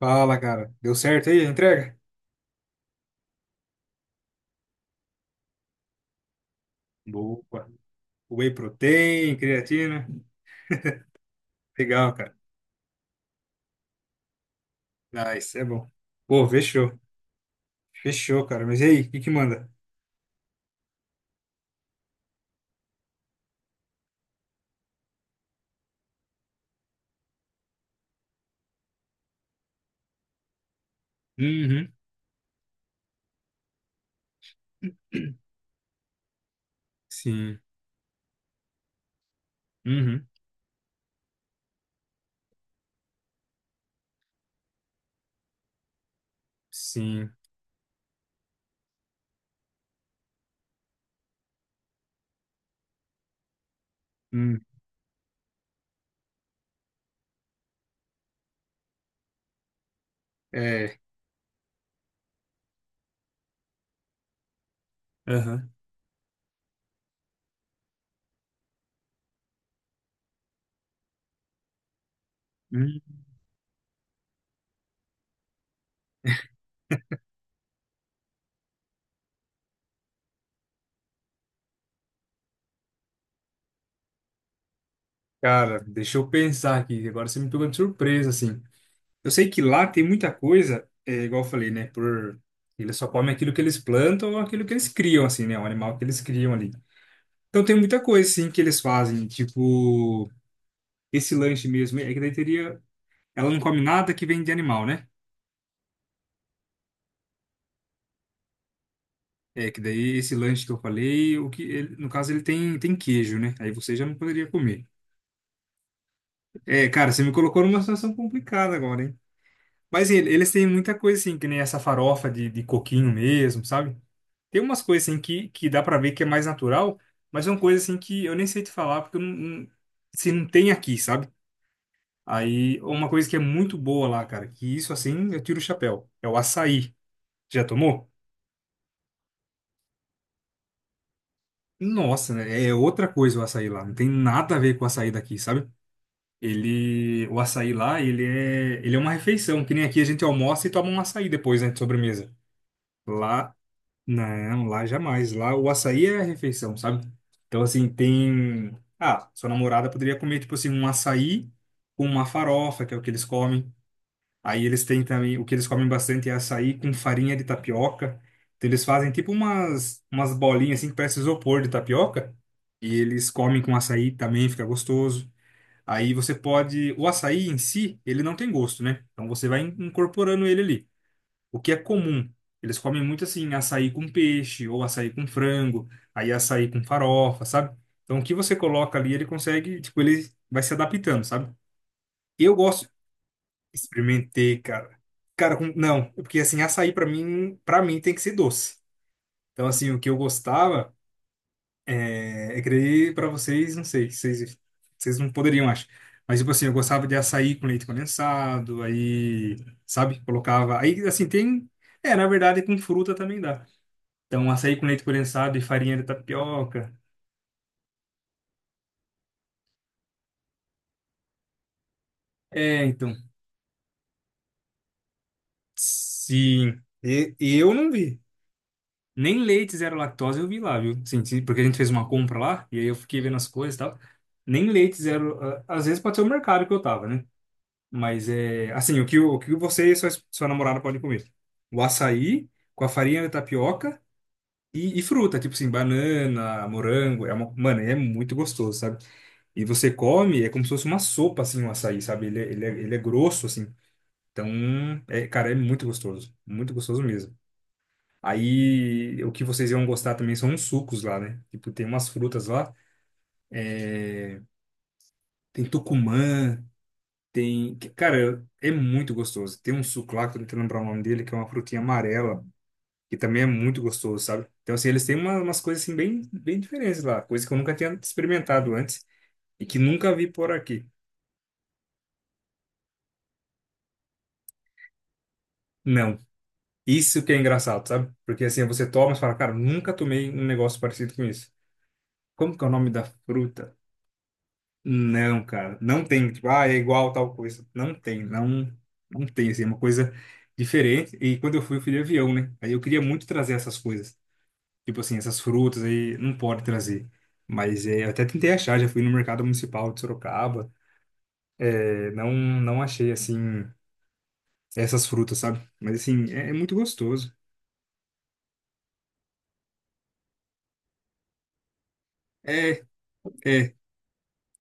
Fala, cara. Deu certo aí a entrega? Boa. Whey protein, creatina. Legal, cara. Nice, é bom. Pô, fechou. Fechou, cara. Mas e aí, o que que manda? Uhum. Sim. Uhum. Sim. Hum. É. Aham. Hum. Cara, deixa eu pensar aqui. Agora você me pegou de surpresa, assim. Eu sei que lá tem muita coisa, igual eu falei, né? Por... Eles só comem aquilo que eles plantam ou aquilo que eles criam, assim, né? O animal que eles criam ali. Então tem muita coisa, assim, que eles fazem. Tipo, esse lanche mesmo. É que daí teria... Ela não come nada que vem de animal, né? É que daí esse lanche que eu falei, no caso ele tem queijo, né? Aí você já não poderia comer. É, cara, você me colocou numa situação complicada agora, hein? Eles têm muita coisa, assim, que nem essa farofa de coquinho mesmo, sabe? Tem umas coisas assim que dá pra ver que é mais natural, mas são coisas assim que eu nem sei te falar porque eu não, não- se não tem aqui, sabe? Aí, uma coisa que é muito boa lá, cara, que isso assim eu tiro o chapéu, é o açaí. Já tomou? Nossa, né? É outra coisa o açaí lá. Não tem nada a ver com o açaí daqui, sabe? O açaí lá, ele é uma refeição, que nem aqui a gente almoça e toma um açaí depois, né, de sobremesa. Lá, não, lá jamais. Lá o açaí é a refeição, sabe? Então, assim, tem. Ah, sua namorada poderia comer, tipo assim, um açaí com uma farofa, que é o que eles comem. Aí eles têm também, o que eles comem bastante é açaí com farinha de tapioca. Então eles fazem tipo umas bolinhas assim que parece isopor de tapioca. E eles comem com açaí também, fica gostoso. Aí você pode, o açaí em si, ele não tem gosto, né? Então você vai incorporando ele ali. O que é comum. Eles comem muito assim, açaí com peixe, ou açaí com frango, aí açaí com farofa, sabe? Então o que você coloca ali, ele consegue, tipo, ele vai se adaptando, sabe? Eu gosto. Experimentei, cara. Cara, não, porque assim, para mim tem que ser doce. Então, assim, o que eu gostava é creio para vocês, não sei, vocês não poderiam, acho. Mas tipo assim, eu gostava de açaí com leite condensado, aí, sabe, colocava, aí assim, tem, é, na verdade com fruta também dá. Então, açaí com leite condensado e farinha de tapioca. É, então. Sim. E, eu não vi. Nem leite zero lactose eu vi lá, viu? Sim, sim, porque a gente fez uma compra lá, e aí eu fiquei vendo as coisas e tal. Nem leite zero. Às vezes pode ser o mercado que eu tava, né? Mas é. Assim, o que você e sua namorada podem comer? O açaí com a farinha de tapioca e fruta, tipo assim, banana, morango. É uma, mano, é muito gostoso, sabe? E você come, é como se fosse uma sopa, assim, o açaí, sabe? Ele é grosso, assim. Então, é, cara, é muito gostoso. Muito gostoso mesmo. Aí, o que vocês iam gostar também são uns sucos lá, né? Tipo, tem umas frutas lá. Tem tucumã, tem... Cara, é muito gostoso. Tem um suco lá, que eu não quero lembrar o nome dele, que é uma frutinha amarela, que também é muito gostoso, sabe? Então, assim, eles têm umas coisas, assim, bem diferentes lá. Coisa que eu nunca tinha experimentado antes e que nunca vi por aqui. Não. Isso que é engraçado, sabe? Porque, assim, você toma e fala, cara, nunca tomei um negócio parecido com isso. Como que é o nome da fruta? Não, cara, não tem, tipo, ah, é igual tal coisa. Não tem, assim, é uma coisa diferente. E quando eu fui de avião, né? Aí eu queria muito trazer essas coisas. Tipo assim, essas frutas aí, não pode trazer. Mas é, eu até tentei achar, já fui no mercado municipal de Sorocaba. É, não achei, assim, essas frutas, sabe? Mas, assim, é, é muito gostoso. É, é,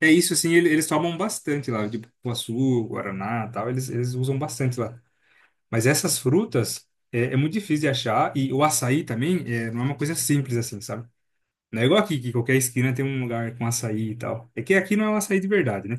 é isso, assim, eles tomam bastante lá, tipo, cupuaçu, guaraná, tal, eles usam bastante lá. Mas essas frutas é, é muito difícil de achar e o açaí também é, não é uma coisa simples assim, sabe? Não é igual aqui, que qualquer esquina tem um lugar com açaí e tal. É que aqui não é um açaí de verdade, né?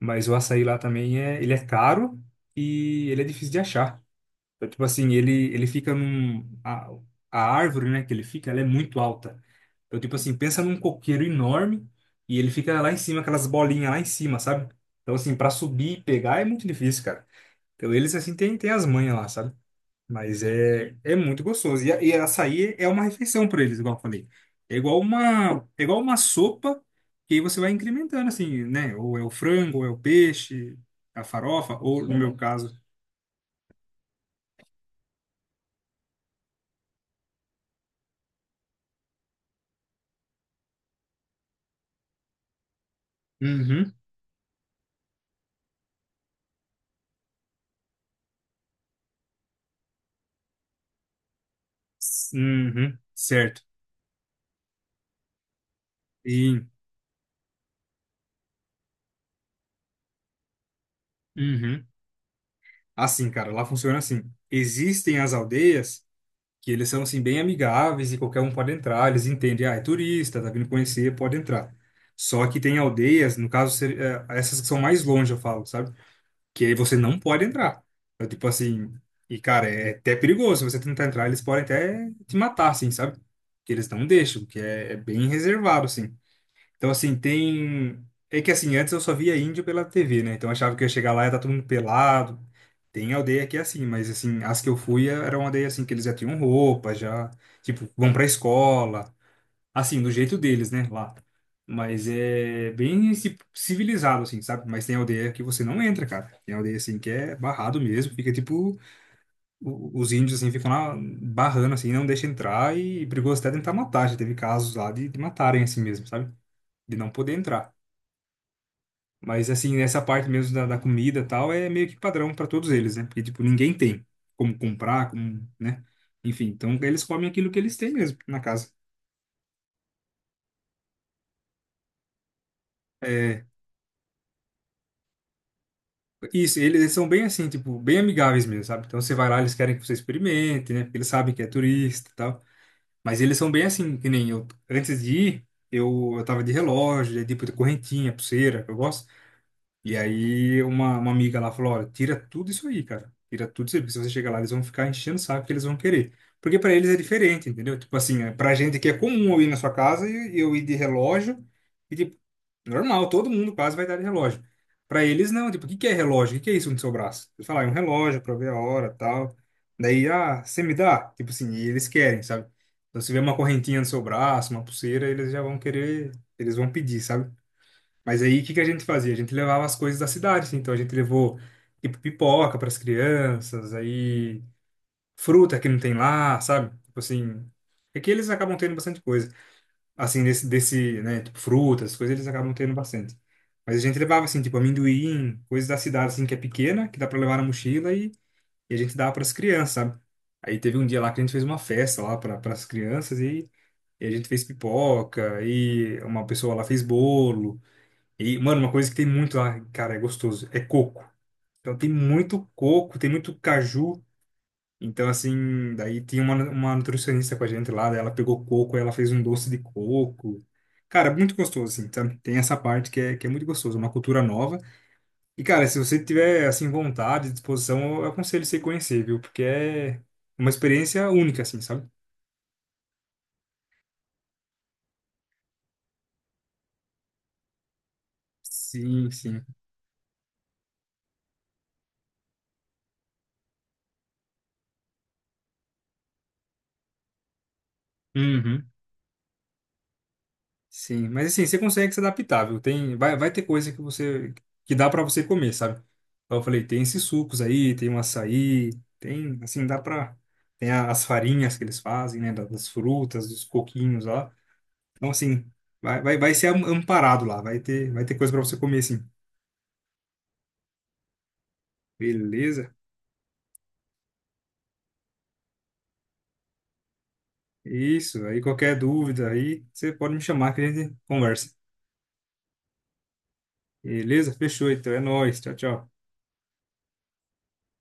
Mas o açaí lá também é, ele é caro e ele é difícil de achar. Então, tipo assim, ele fica num... a árvore, né, que ele fica, ela é muito alta. Então, tipo assim, pensa num coqueiro enorme e ele fica lá em cima, aquelas bolinhas lá em cima, sabe? Então, assim, para subir e pegar é muito difícil, cara. Então, eles, assim, têm as manhas lá, sabe? Mas é, é muito gostoso. E, açaí é uma refeição para eles, igual eu falei. É igual uma sopa que aí você vai incrementando, assim, né? Ou é o frango, ou é o peixe, a farofa, ou no meu caso. Uhum. Uhum. Certo. E, uhum. Assim, cara, lá funciona assim. Existem as aldeias que eles são, assim, bem amigáveis e qualquer um pode entrar. Eles entendem, ah, é turista, tá vindo conhecer, pode entrar. Só que tem aldeias, no caso, essas que são mais longe, eu falo, sabe? Que aí você não pode entrar. Então, tipo assim, e cara, é até perigoso. Se você tentar entrar, eles podem até te matar, assim, sabe? Que eles não deixam, que é bem reservado, assim. Então, assim, tem. É que assim, antes eu só via índio pela TV, né? Então eu achava que eu ia chegar lá e ia tá todo mundo pelado. Tem aldeia que é assim, mas assim, as que eu fui era uma aldeia assim que eles já tinham roupa, já, tipo, vão pra escola. Assim, do jeito deles, né, lá. Mas é bem civilizado, assim, sabe? Mas tem aldeia que você não entra, cara. Tem aldeia, assim, que é barrado mesmo. Fica, tipo, os índios, assim, ficam lá barrando, assim, não deixa entrar e brigou até tentar matar. Já teve casos lá de matarem, assim mesmo, sabe? De não poder entrar. Mas, assim, nessa parte mesmo da comida e tal, é meio que padrão para todos eles, né? Porque, tipo, ninguém tem como comprar, como, né? Enfim, então eles comem aquilo que eles têm mesmo na casa. É, isso, eles são bem assim, tipo, bem amigáveis mesmo, sabe? Então você vai lá, eles querem que você experimente, né? Porque eles sabem que é turista e tal. Mas eles são bem assim, que nem eu. Antes de ir, eu tava de relógio, de, tipo de correntinha, pulseira, que eu gosto. E aí uma amiga lá falou: olha, tira tudo isso aí, cara. Tira tudo isso aí, porque se você chegar lá, eles vão ficar enchendo o saco que eles vão querer. Porque pra eles é diferente, entendeu? Tipo assim, é, pra gente que é comum eu ir na sua casa e eu ir de relógio. E, tipo, normal, todo mundo quase vai dar de relógio. Pra eles, não. Tipo, o que que é relógio? O que que é isso no seu braço? Eles falam, ah, é um relógio pra ver a hora tal. Daí, ah, você me dá? Tipo assim, e eles querem, sabe? Então, se vê uma correntinha no seu braço, uma pulseira, eles já vão querer, eles vão pedir, sabe? Mas aí, o que que a gente fazia? A gente levava as coisas da cidade, assim. Então, a gente levou, tipo, pipoca pras crianças, aí, fruta que não tem lá, sabe? Tipo assim, é que eles acabam tendo bastante coisa assim, desse, né, tipo, frutas, coisas eles acabam tendo bastante. Mas a gente levava, assim, tipo, amendoim, coisas da cidade, assim, que é pequena, que dá pra levar na mochila e a gente dava pras crianças, sabe? Aí teve um dia lá que a gente fez uma festa lá para as crianças e a gente fez pipoca e uma pessoa lá fez bolo. E, mano, uma coisa que tem muito lá, cara, é gostoso, é coco. Então tem muito coco, tem muito caju. Então, assim, daí tinha uma nutricionista com a gente lá, daí ela pegou coco, ela fez um doce de coco. Cara, muito gostoso, assim, sabe? Tem essa parte que é muito gostoso, uma cultura nova. E, cara, se você tiver, assim, vontade, disposição, eu aconselho você conhecer, viu? Porque é uma experiência única, assim, sabe? Sim, sim. Uhum. Sim, mas assim, você consegue se adaptar, viu? Tem, vai ter coisa que você que dá pra você comer, sabe? Então eu falei, tem esses sucos aí, tem o açaí, tem, assim, dá pra tem as farinhas que eles fazem, né, das frutas, dos coquinhos lá. Então assim, vai ser amparado lá, vai ter coisa pra você comer sim. Beleza? Isso, aí qualquer dúvida aí, você pode me chamar que a gente conversa. Beleza? Fechou, então é nóis. Tchau, tchau.